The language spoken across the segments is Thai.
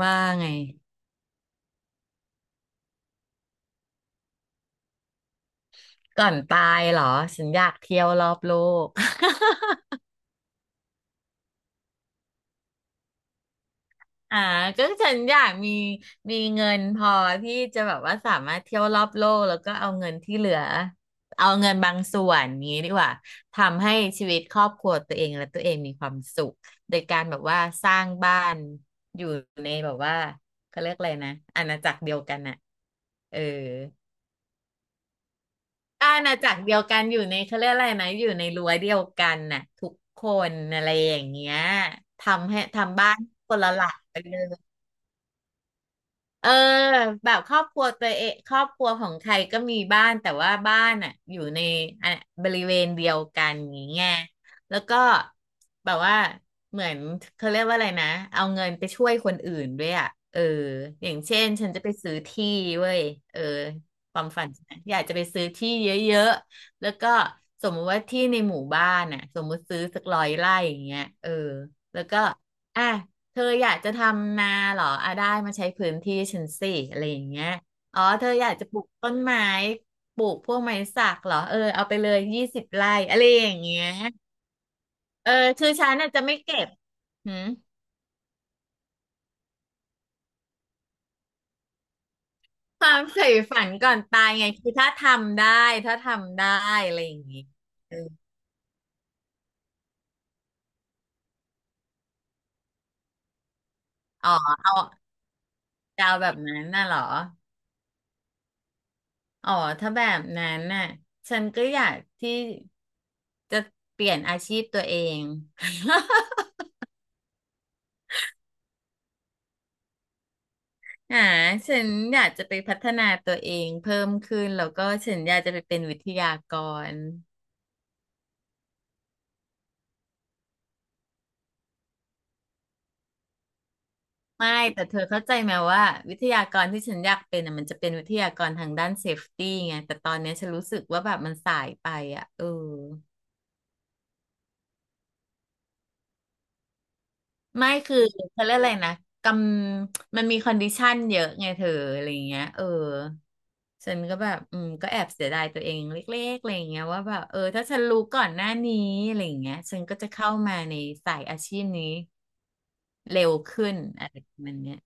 ว่าไงก่อนตายเหรอฉันอยากเที่ยวรอบโลก อ่าก็ฉันอยากมีเงินพอที่จะแบบว่าสามารถเที่ยวรอบโลกแล้วก็เอาเงินที่เหลือเอาเงินบางส่วนนี้ดีกว่าทำให้ชีวิตครอบครัวตัวเองและตัวเองมีความสุขโดยการแบบว่าสร้างบ้านอยู่ในแบบว่าเขาเรียกอะไรนะอาณาจักรเดียวกันน่ะเออ อาณาจักรเดียวกันอยู่ในเขาเรียกอะไรนะอยู่ในรั้วเดียวกันน่ะทุกคนอะไรอย่างเงี้ยทำให้ทำบ้านคนละหลังไปเลย เออแบบครอบครัวตัวเองครอบครัวของใครก็มีบ้านแต่ว่าบ้านอ่ะอยู่ในอ่ะบริเวณเดียวกันอย่างเงี้ยแล้วก็แบบว่าเหมือนเขาเรียกว่าอะไรนะเอาเงินไปช่วยคนอื่นด้วยอ่ะเอออย่างเช่นฉันจะไปซื้อที่เว้ยเออความฝันฉันนะอยากจะไปซื้อที่เยอะๆแล้วก็สมมติว่าที่ในหมู่บ้านอ่ะสมมติซื้อสัก100 ไร่อย่างเงี้ยเออ อ่ะเธออยากจะทำนาเหรออ่ะได้มาใช้พื้นที่ฉันสิอะไรอย่างเงี้ยอ๋อเธออยากจะปลูกต้นไม้ปลูกพวกไม้สักเหรอเออเอาไปเลย20 ไร่อะไรอย่างเงี้ยเออคือฉันอาจจะไม่เก็บหืมความใฝ่ฝันก่อนตายไงคือถ้าทำได้ถ้าทำได้อะไรอย่างงี้เอออ๋อเอาจะเอาแบบนั้นน่ะเหรออ๋อถ้าแบบนั้นน่ะฉันก็อยากที่จะเปลี่ยนอาชีพตัวเอง อ่าฉันอยากจะไปพัฒนาตัวเองเพิ่มขึ้นแล้วก็ฉันอยากจะไปเป็นวิทยากรไม่แต่เธอเข้าใจไหมว่าวิทยากรที่ฉันอยากเป็นอ่ะมันจะเป็นวิทยากรทางด้านเซฟตี้ไงแต่ตอนเนี้ยฉันรู้สึกว่าแบบมันสายไปอ่ะเออไม่คือเขาเรียกอะไรนะกำมันมีคอนดิชันเยอะไงเธออะไรอย่างเงี้ยเออฉันก็แบบอืมก็แอบเสียดายตัวเองเล็กๆอะไรอย่างเงี้ยว่าแบบเออถ้าฉันรู้ก่อนหน้านี้อะไรอย่างเงี้ยฉันก็จะเข้ามาในสายอาชีพนี้ เร็วขึ้นอะไรประมันเนี้ย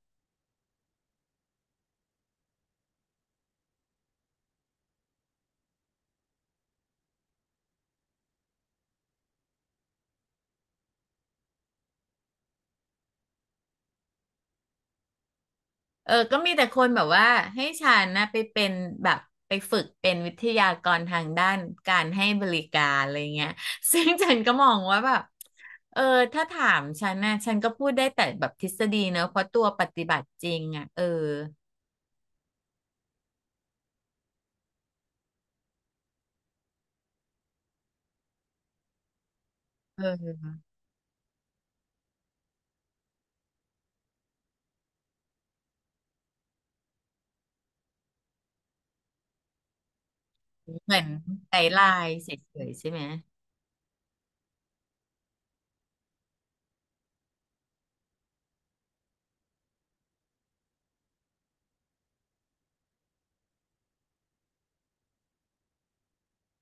เออก็มีแต่คนแบบว่าให้ฉันนะไปเป็นแบบไปฝึกเป็นวิทยากรทางด้านการให้บริการอะไรเงี้ย ซึ่งฉันก็มองว่าแบบเออถ้าถามฉันนะฉันก็พูดได้แต่แบบทฤษฎีเนอะเพราะตัวปฏิบัติจริงอ่ะเออเออเหมือนไกด์ไลน์เฉยๆใช่ไหม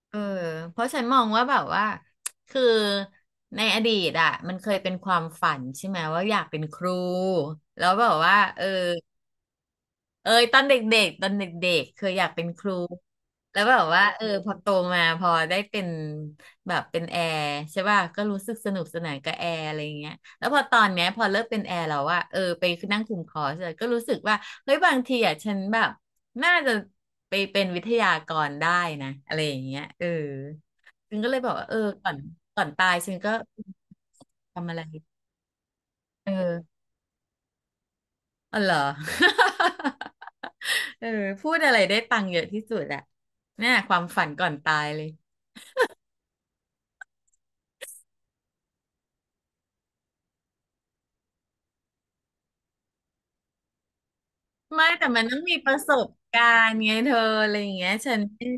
เออเพราะฉันมองว่าแบบว่า คือในอดีตอ่ะมันเคยเป็นความฝันใช่ไหมว่าอยากเป็นครูแล้วแบบว่าเออ เอ้ยตอนเด็กๆตอนเด็กๆเคยอยากเป็นครูแล้วแบบว่าเออพอโตมาพอได้เป็นแบบเป็นแอร์ใช่ป่ะก็รู้สึกสนุกสนานกับแอร์อะไรอย่างเงี้ยแล้วพอตอนเนี้ยพอเลิกเป็นแอร์แล้วว่าเออไปนั่งคุมคอร์สอะก็รู้สึกว่าเฮ้ยบางทีอะฉันแบบน่าจะไปเป็นวิทยากรได้นะอะไรอย่างเงี้ยเออฉันก็เลยบอกว่าเออก่อนก่อนตายฉันก็ทำอะไรเออ อ๋อเหรอ เออพูดอะไรได้ตังค์เยอะที่สุดอะเนี่ยความฝันก่อนตายเลย ไม่แต่มันต้องมีประสบการณ์ไงเธออะไรอย่างเงี้ยฉันเออ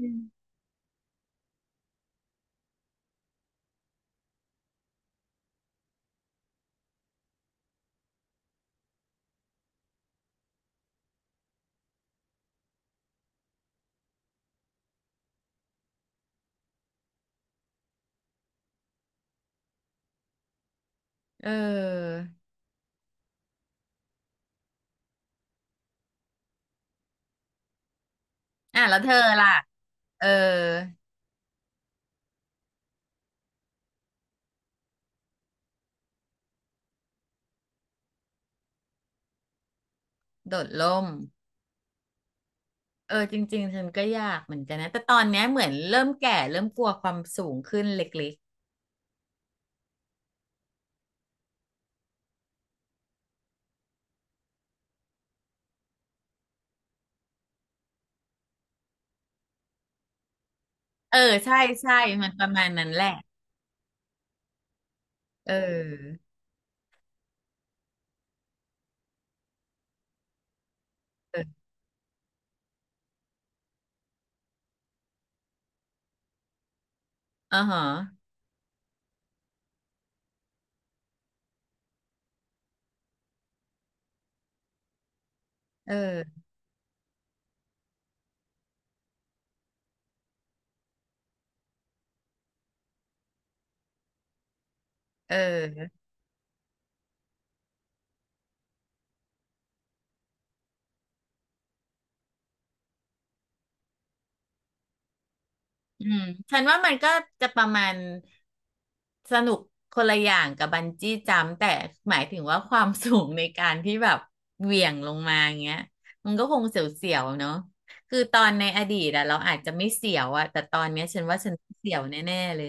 ออ่ะแล้วเธอล่ะเออโดดร่มเออจริงๆฉันก็อยากเหมือนกันนะแต่ตอนเนี้ยเหมือนเริ่มแก่เริ่มกลัวความสูงขึ้นเล็กๆเออใช่ใช่มันประมาณนั้นแหละเออ เอออ๋อฮะเออเออ อืมฉันว่ามันก็จะประมาณสนุกคนละอย่างกับบันจี้จัมป์แต่หมายถึงว่าความสูงในการที่แบบเหวี่ยงลงมาอย่างเงี้ยมันก็คงเสียวๆเนาะคือตอนในอดีตอะเราอาจจะไม่เสียวอะแต่ตอนเนี้ยฉันว่าฉันเสียวแน่ๆเลย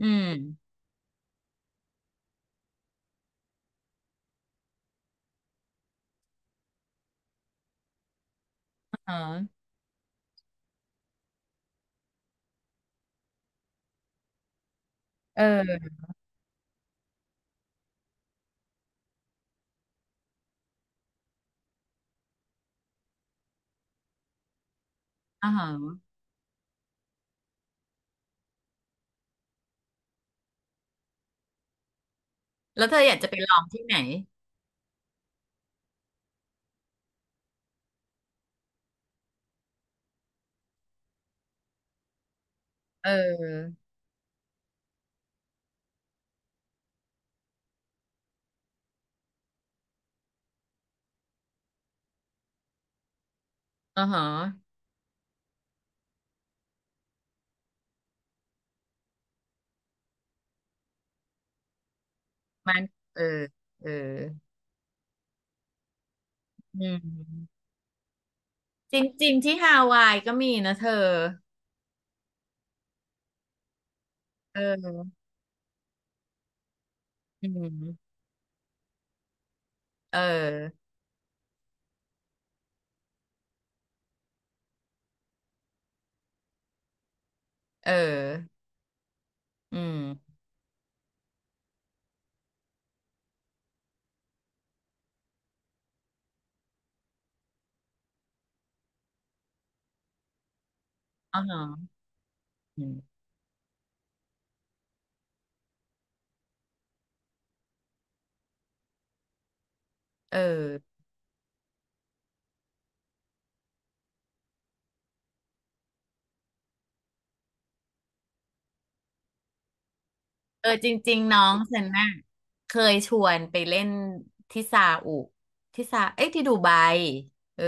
อืมอ๋อเอออ๋อแล้วเธออยากจะไปลองที่ไหนเอออ๋อฮมันเออเอออืมจริงๆที่ฮาวายก็มีนะเธอเออ อืมเออเอออืมอ๋อฮะอืมเออ เออจริงๆน้องฉันน่ะเคยชวนไปเล่นที่ซาอุที่ซาเอ้ยที่ดูไบเออ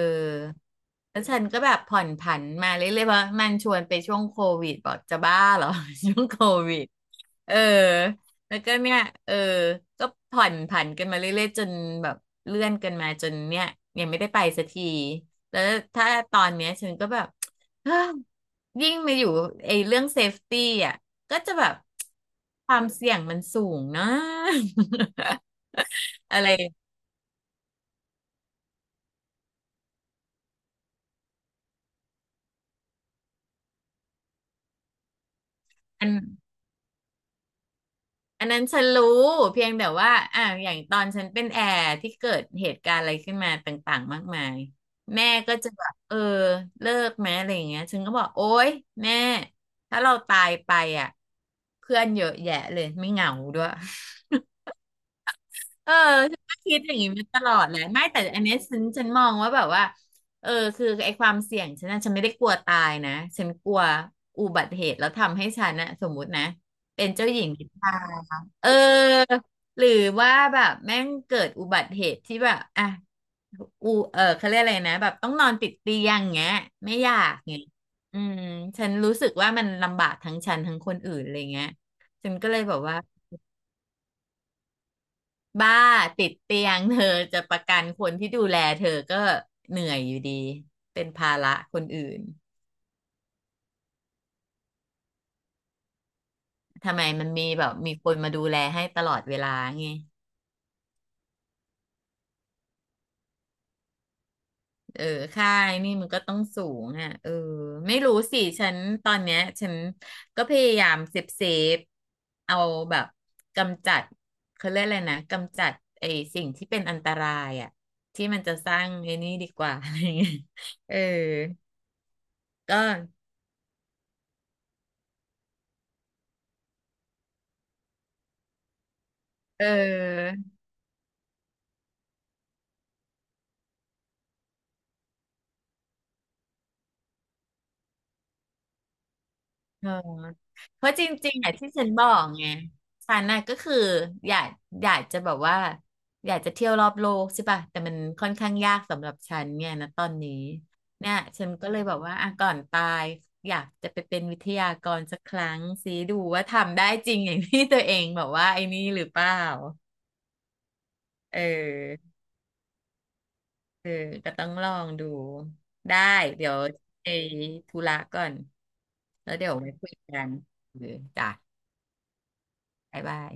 แล้วฉันก็แบบผ่อนผันมาเรื่อยๆเพราะมันชวนไปช่วงโควิดบอกจะบ้าเหรอ ช่วงโควิดเออแล้วก็เนี่ยเออก็ผ่อนผันกันมาเรื่อยๆจนแบบเลื่อนกันมาจนเนี่ยยังไม่ได้ไปสักทีแล้วถ้าตอนเนี้ยฉันก็แบบ ฮยิ่งมาอยู่ไอ้เรื่องเซฟตี้อ่ะ ก็จะแบบความเสี่ยงมันสูงนะ อะไรอันอันนั้นฉันรู้เพียงแต่ว่าอ่ะอย่างตอนฉันเป็นแอร์ที่เกิดเหตุการณ์อะไรขึ้นมาต่างๆมากมายแม่ก็จะแบบเออเลิกไหมอะไรอย่างเงี้ยฉันก็บอกโอ๊ยแม่ถ้าเราตายไปอ่ะเพื่อนเยอะแยะเลยไม่เหงาด้วย เออฉันก็คิดอย่างนี้มาตลอดและไม่แต่อันเนี้ยฉันมองว่าแบบว่าเออคือไอ้ความเสี่ยงฉันน่ะฉันไม่ได้กลัวตายนะฉันกลัวอุบัติเหตุแล้วทำให้ฉันน่ะสมมุตินะเป็นเจ้าหญิงนิทราเออหรือว่าแบบแม่งเกิดอุบัติเหตุที่แบบอ่ะอูเออเขาเรียกอะไรนะแบบต้องนอนติดเตียงเงี้ยไม่อยากเงี้ยอืมฉันรู้สึกว่ามันลำบากทั้งฉันทั้งคนอื่นอะไรเงี้ยฉันก็เลยแบบว่า บ้าติดเตียง เธอจะประกันคนที่ดูแลเธอก็เหนื่อยอยู่ดีเป็นภาระคนอื่นทำไมมันมีแบบมีคนมาดูแลให้ตลอดเวลาไงเออค่าไอ้นี่มันก็ต้องสูงอ่ะเออไม่รู้สิฉันตอนเนี้ยฉันก็พยายามเซฟเซฟเอาแบบกำจัดเขาเรียกอะไรนะกำจัดไอ้สิ่งที่เป็นอันตรายอ่ะที่มันจะสร้างไอ้นี่ดีกว่าอะไรเงี้ยเออก็เออ เออเพราะจริงๆอ่ะที่ฉันบอกไงฉันน่ะก็คืออยากอยากจะแบบว่าอยากจะเที่ยวรอบโลกใช่ป่ะแต่มันค่อนข้างยากสำหรับฉันไงนะตอนนี้เนี่ยฉันก็เลยแบบว่าอ่ะก่อนตายอยากจะไปเป็นวิทยากรสักครั้งสิดูว่าทำได้จริงอย่างที่ตัวเองแบบว่าไอ้นี่หรือเปล่าเออเออก็ต้องลองดูได้เดี๋ยวไปธุระก่อนแล้วเดี๋ยวไว้คุยกันเออจ้ะบ๊ายบาย